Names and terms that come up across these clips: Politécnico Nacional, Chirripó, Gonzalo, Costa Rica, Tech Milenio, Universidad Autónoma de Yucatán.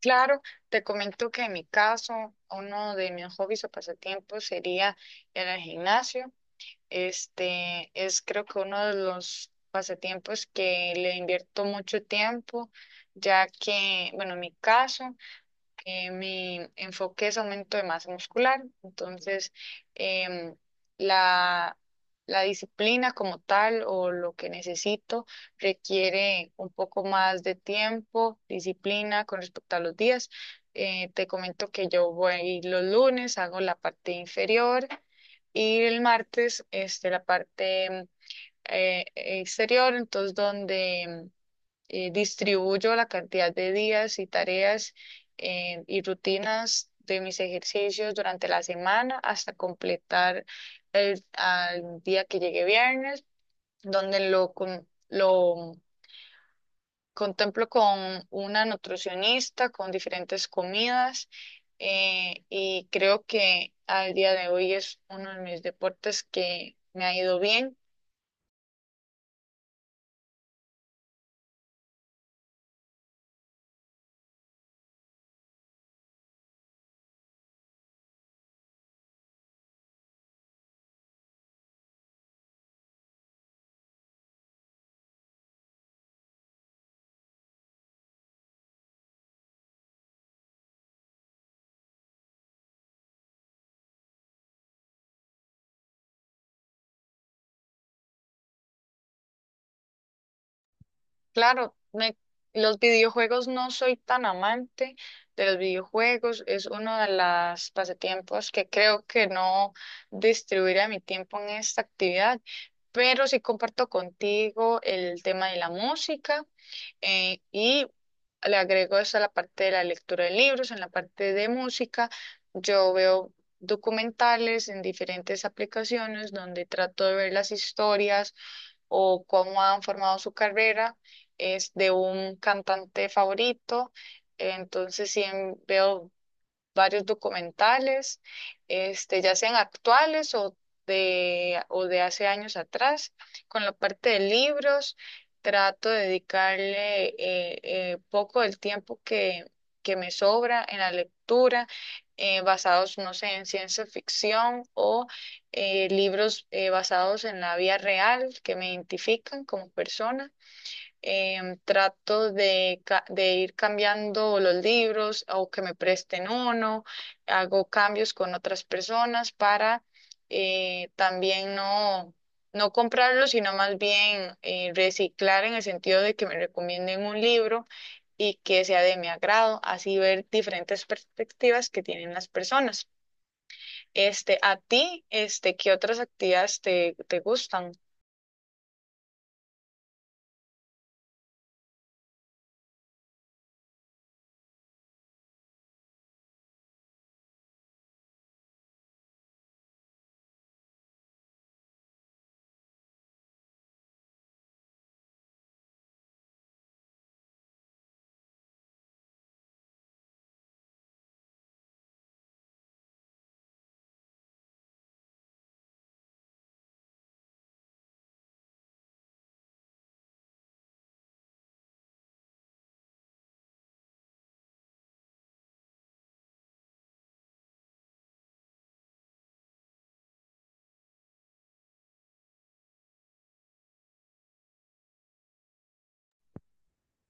Claro, te comento que en mi caso, uno de mis hobbies o pasatiempos sería ir al gimnasio. Este es, creo que uno de los pasatiempos que le invierto mucho tiempo, ya que, bueno, en mi caso, mi enfoque es aumento de masa muscular. Entonces, em, la, la disciplina como tal o lo que necesito requiere un poco más de tiempo, disciplina con respecto a los días. Te comento que yo voy los lunes, hago la parte inferior, y el martes este, la parte exterior. Entonces, donde distribuyo la cantidad de días y tareas y rutinas de mis ejercicios durante la semana, hasta completar el al día que llegue viernes, donde lo contemplo con una nutricionista, con diferentes comidas. Y creo que al día de hoy es uno de mis deportes que me ha ido bien. Claro, los videojuegos, no soy tan amante de los videojuegos, es uno de los pasatiempos que creo que no distribuiré mi tiempo en esta actividad. Pero sí comparto contigo el tema de la música, y le agrego eso a la parte de la lectura de libros. En la parte de música, yo veo documentales en diferentes aplicaciones, donde trato de ver las historias o cómo han formado su carrera, es de un cantante favorito. Entonces, sí, veo varios documentales, este, ya sean actuales o o de hace años atrás. Con la parte de libros, trato de dedicarle poco del tiempo que me sobra en la lectura, basados, no sé, en ciencia ficción o libros basados en la vida real, que me identifican como persona. Trato de, de ir cambiando los libros o que me presten uno, hago cambios con otras personas para también no comprarlo, sino más bien reciclar, en el sentido de que me recomienden un libro y que sea de mi agrado, así ver diferentes perspectivas que tienen las personas. Este, ¿a ti, este, qué otras actividades te, te gustan?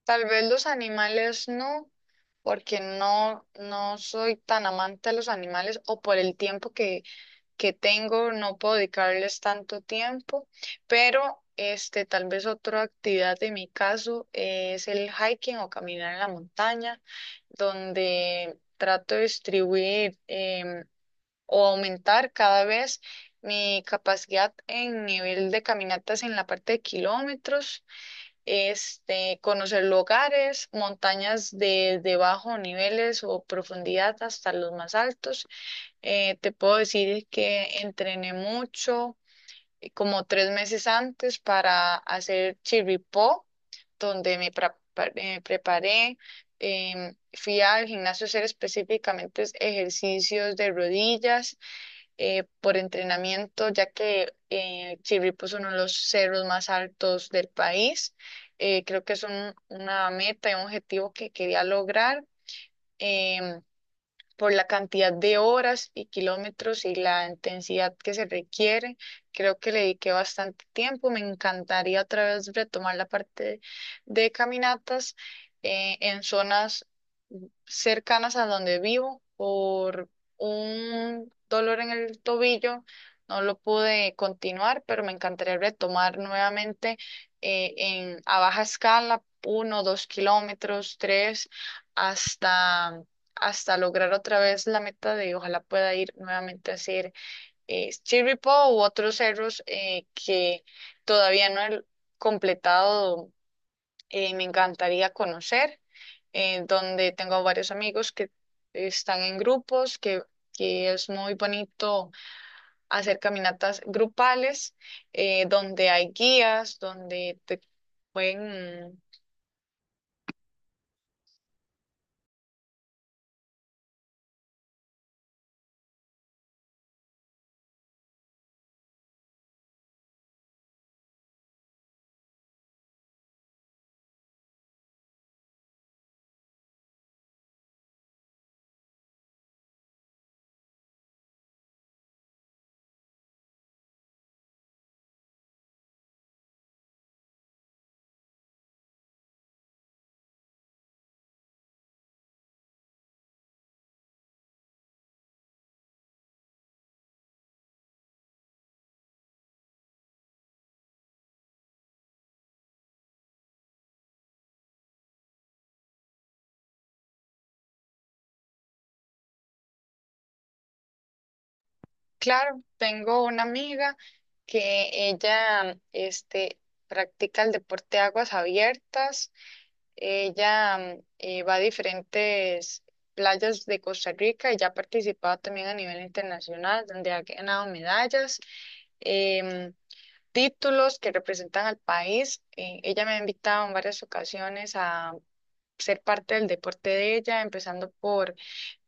Tal vez los animales no, porque no, no soy tan amante de los animales, o por el tiempo que tengo no puedo dedicarles tanto tiempo. Pero este, tal vez otra actividad en mi caso es el hiking o caminar en la montaña, donde trato de distribuir, o aumentar cada vez mi capacidad en nivel de caminatas en la parte de kilómetros, este, conocer lugares, montañas de bajo niveles o profundidad hasta los más altos. Te puedo decir que entrené mucho, como tres meses antes, para hacer Chirripó, donde me preparé. Fui al gimnasio a hacer específicamente ejercicios de rodillas por entrenamiento, ya que Chirripó es uno de los cerros más altos del país. Creo que es una meta y un objetivo que quería lograr. Em, por la cantidad de horas y kilómetros y la intensidad que se requiere, creo que le dediqué bastante tiempo. Me encantaría otra vez retomar la parte de caminatas en zonas cercanas a donde vivo. Por un dolor en el tobillo no lo pude continuar, pero me encantaría retomar nuevamente a baja escala, uno, dos kilómetros, tres, hasta hasta lograr otra vez la meta de ojalá pueda ir nuevamente a hacer Chirripó u otros cerros que todavía no he completado. Me encantaría conocer, donde tengo varios amigos que están en grupos, que es muy bonito hacer caminatas grupales, donde hay guías, donde te pueden... Claro, tengo una amiga que ella este, practica el deporte de aguas abiertas. Ella va a diferentes playas de Costa Rica y ya ha participado también a nivel internacional, donde ha ganado medallas, em, títulos que representan al país. Ella me ha invitado en varias ocasiones a ser parte del deporte de ella, empezando por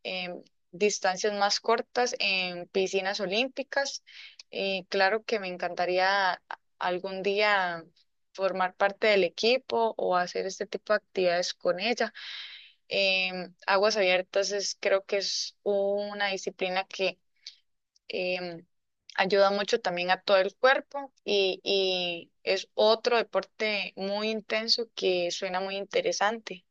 em, distancias más cortas en piscinas olímpicas. Y claro que me encantaría, algún día formar parte del equipo o hacer este tipo de actividades con ella. Aguas abiertas es, creo que es una disciplina que em, ayuda mucho también a todo el cuerpo, y es otro deporte muy intenso, que suena muy interesante.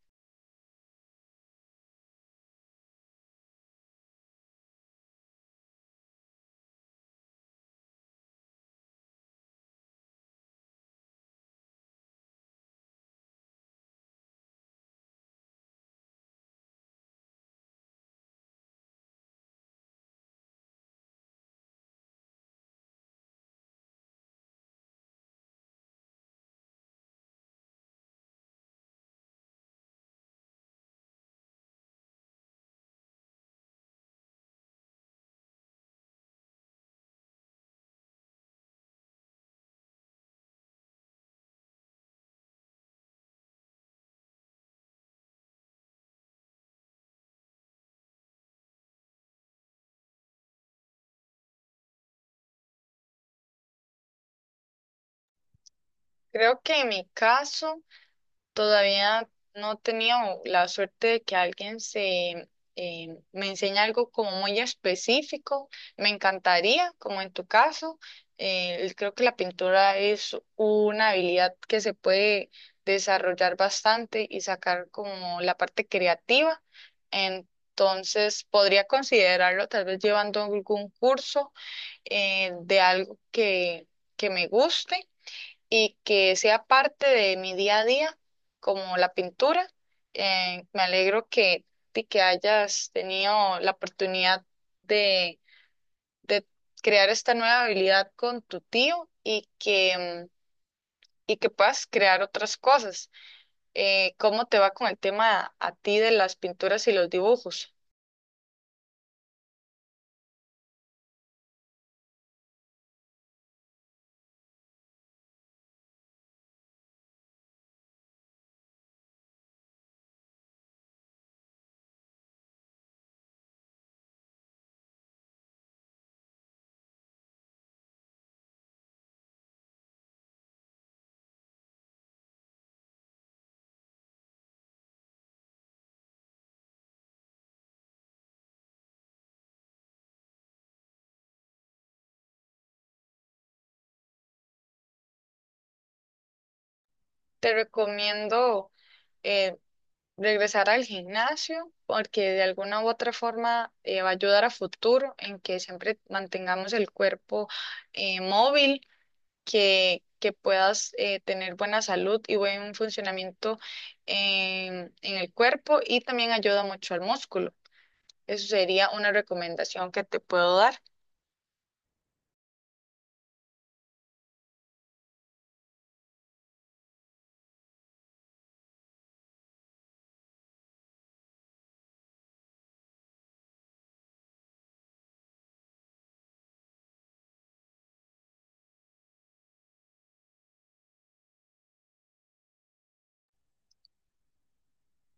Creo que en mi caso... Todavía no he tenido la suerte de que alguien se me enseñe algo como muy específico. Me encantaría, como en tu caso. Creo que la pintura es una habilidad que se puede desarrollar bastante y sacar como la parte creativa. Entonces, podría considerarlo, tal vez llevando algún curso de algo que me guste y que sea parte de mi día a día, como la pintura. Me alegro de que hayas tenido la oportunidad de, de crear esta nueva habilidad con tu tío y que, y que puedas crear otras cosas. ¿Cómo te va con el tema a, ti de las pinturas y los dibujos? Te recomiendo... eh, regresar al gimnasio, porque de alguna u otra forma va a ayudar a futuro en que siempre mantengamos el cuerpo móvil, que puedas tener buena salud y buen funcionamiento en el cuerpo, y también ayuda mucho al músculo. Eso sería una recomendación que te puedo dar.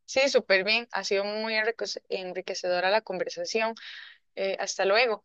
Sí, súper bien. Ha sido muy enriquecedora la conversación. Hasta luego.